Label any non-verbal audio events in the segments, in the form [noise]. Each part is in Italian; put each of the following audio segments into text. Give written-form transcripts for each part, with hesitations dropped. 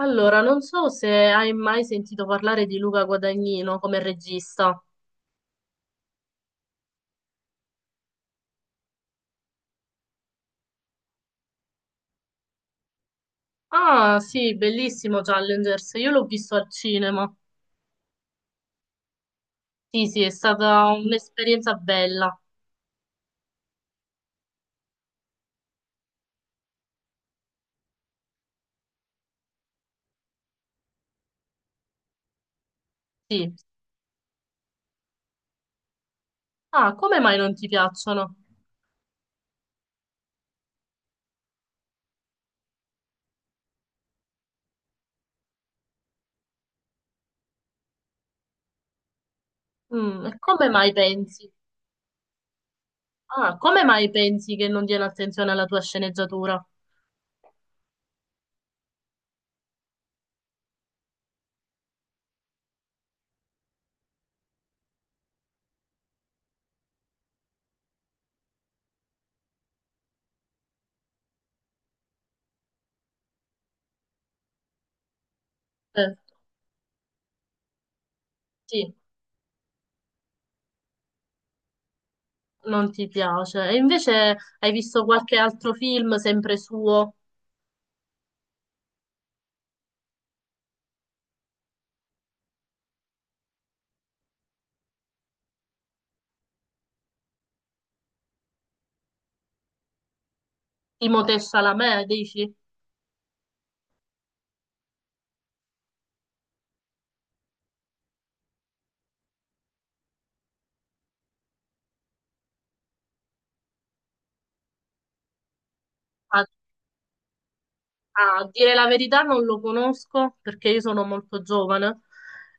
Allora, non so se hai mai sentito parlare di Luca Guadagnino come regista. Ah, sì, bellissimo Challengers, io l'ho visto al cinema. Sì, sì, è stata un'esperienza bella. Sì. Ah, come mai non ti piacciono? E come mai pensi? Ah, come mai pensi che non diano attenzione alla tua sceneggiatura? Eh, sì, non ti piace. E invece hai visto qualche altro film sempre suo? Timothée Chalamet, dici? Ah, a dire la verità non lo conosco perché io sono molto giovane,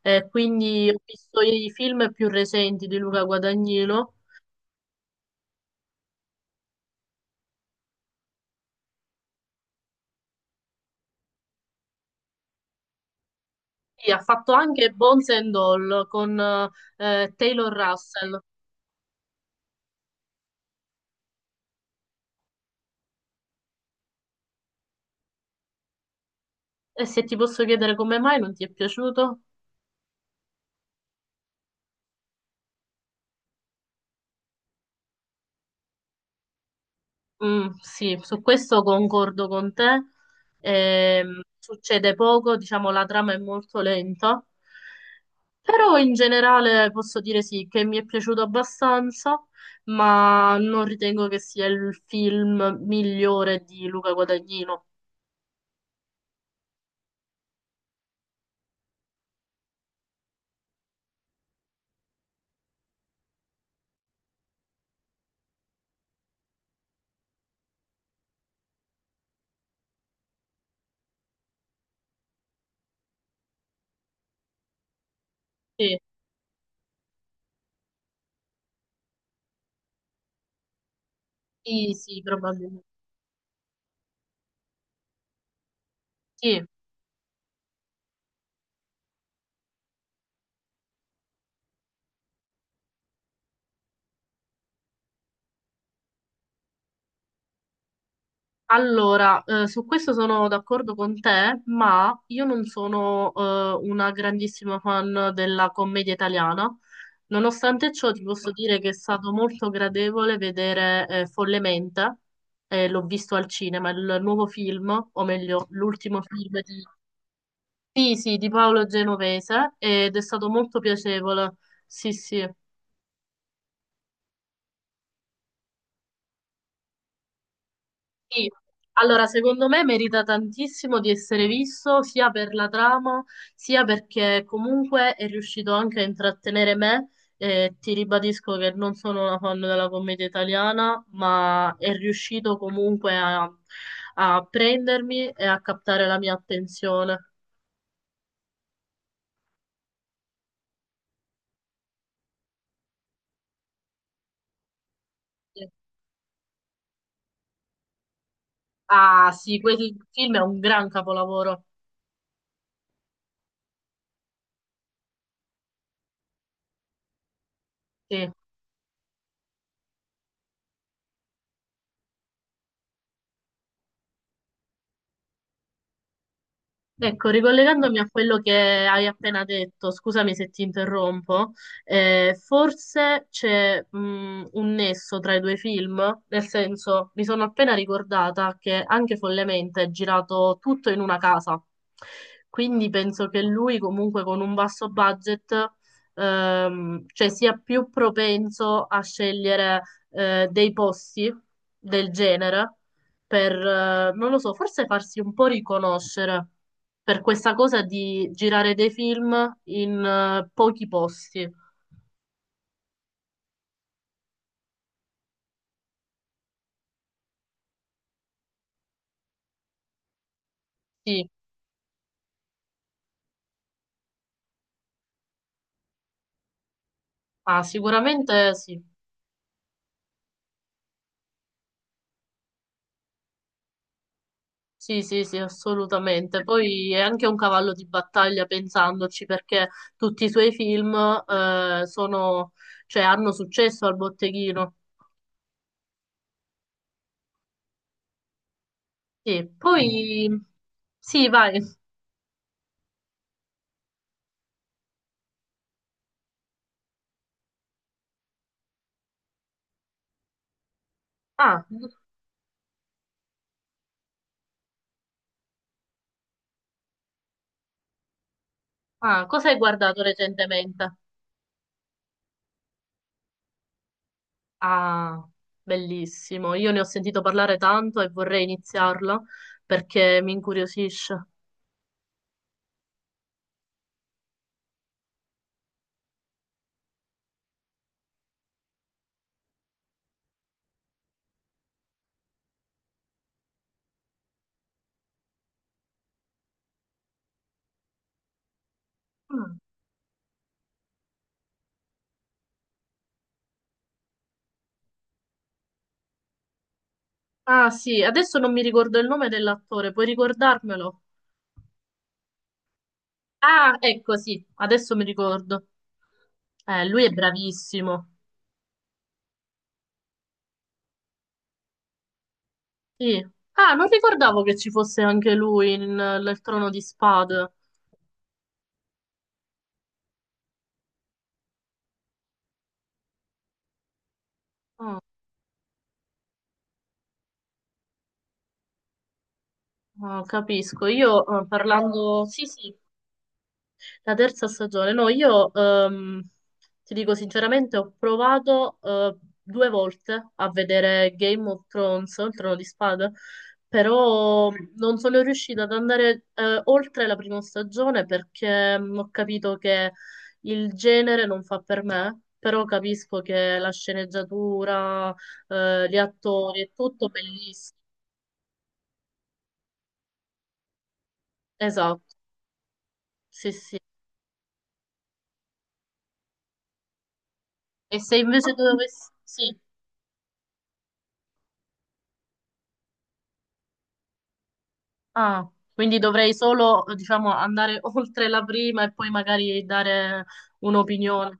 quindi ho visto i film più recenti di Luca Guadagnino e ha fatto anche Bones and All con Taylor Russell. E se ti posso chiedere come mai non ti è piaciuto? Sì, su questo concordo con te. Succede poco, diciamo, la trama è molto lenta, però in generale posso dire sì, che mi è piaciuto abbastanza, ma non ritengo che sia il film migliore di Luca Guadagnino. Sì, sì, sì, probabilmente. Sì. Allora, su questo sono d'accordo con te, ma io non sono una grandissima fan della commedia italiana. Nonostante ciò, ti posso dire che è stato molto gradevole vedere Follemente, l'ho visto al cinema, il nuovo film, o meglio, l'ultimo film di, sì, sì, di Paolo Genovese, ed è stato molto piacevole. Sì, sì. Sì, allora secondo me merita tantissimo di essere visto sia per la trama, sia perché comunque è riuscito anche a intrattenere me. Ti ribadisco che non sono una fan della commedia italiana, ma è riuscito comunque a, a prendermi e a captare la mia attenzione. Sì. Ah sì, quel film è un gran capolavoro. Sì. Ecco, ricollegandomi a quello che hai appena detto, scusami se ti interrompo, forse c'è un nesso tra i due film, nel senso, mi sono appena ricordata che anche Follemente è girato tutto in una casa, quindi penso che lui comunque con un basso budget, cioè sia più propenso a scegliere dei posti del genere per, non lo so, forse farsi un po' riconoscere per questa cosa di girare dei film in pochi posti. Sì, ah, sicuramente sì. Sì, sì, sì, assolutamente. Poi è anche un cavallo di battaglia pensandoci perché tutti i suoi film sono, cioè, hanno successo al botteghino. Sì, poi sì, vai. Ah, ah, cosa hai guardato recentemente? Ah, bellissimo. Io ne ho sentito parlare tanto e vorrei iniziarlo perché mi incuriosisce. Mm. Ah, sì, adesso non mi ricordo il nome dell'attore, puoi ricordarmelo? Ah, ecco, sì, adesso mi ricordo. Lui è bravissimo. Sì. Ah, non ricordavo che ci fosse anche lui in, nel Trono di Spade. Oh, oh, capisco. Io parlando... Sì, sì. La terza stagione, no, io ti dico sinceramente, ho provato due volte a vedere Game of Thrones, il Trono di Spade, però non sono riuscita ad andare oltre la prima stagione perché ho capito che il genere non fa per me, però capisco che la sceneggiatura, gli attori, è tutto bellissimo. Esatto, sì, sì. E se invece dovessi... Sì. Ah, quindi dovrei solo, diciamo, andare [laughs] oltre la prima e poi magari dare un'opinione.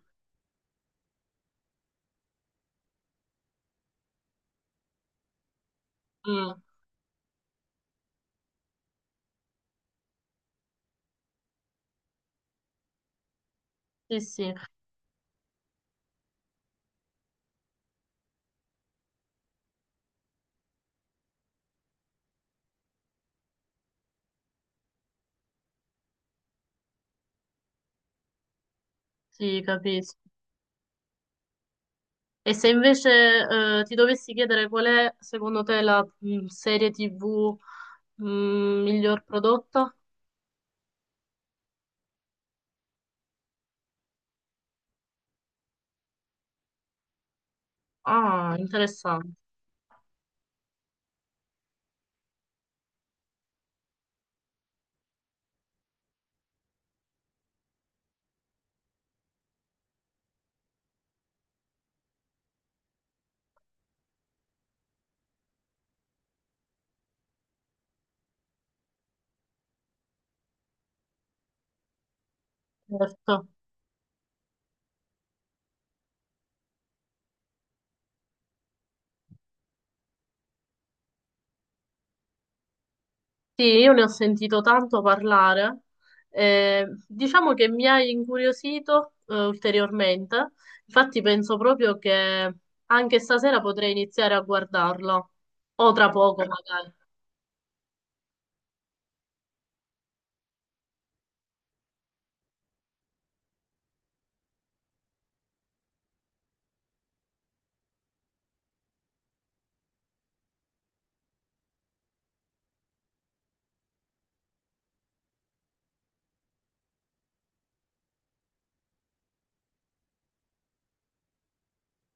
Mm, sì, sì, sì, capisco. E se invece ti dovessi chiedere qual è, secondo te, la serie TV miglior prodotta? Ah, interessante. Certo. Sì, io ne ho sentito tanto parlare. Diciamo che mi hai incuriosito, ulteriormente. Infatti penso proprio che anche stasera potrei iniziare a guardarlo, o tra poco magari.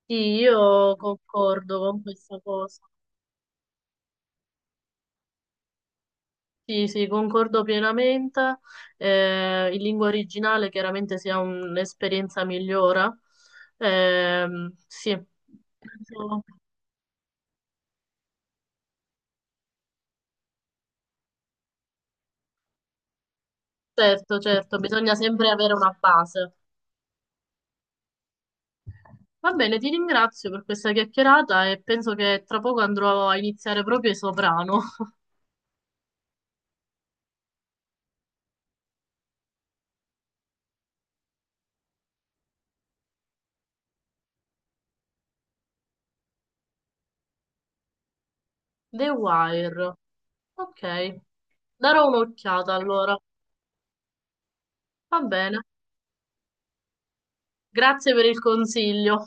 Sì, io concordo con questa cosa. Sì, sì, concordo pienamente. In lingua originale chiaramente sia un'esperienza migliore. Sì, Penso- certo, certo, bisogna sempre avere una base. Va bene, ti ringrazio per questa chiacchierata e penso che tra poco andrò a iniziare proprio Soprano. [laughs] The Wire. Ok, darò un'occhiata allora. Va bene, grazie per il consiglio.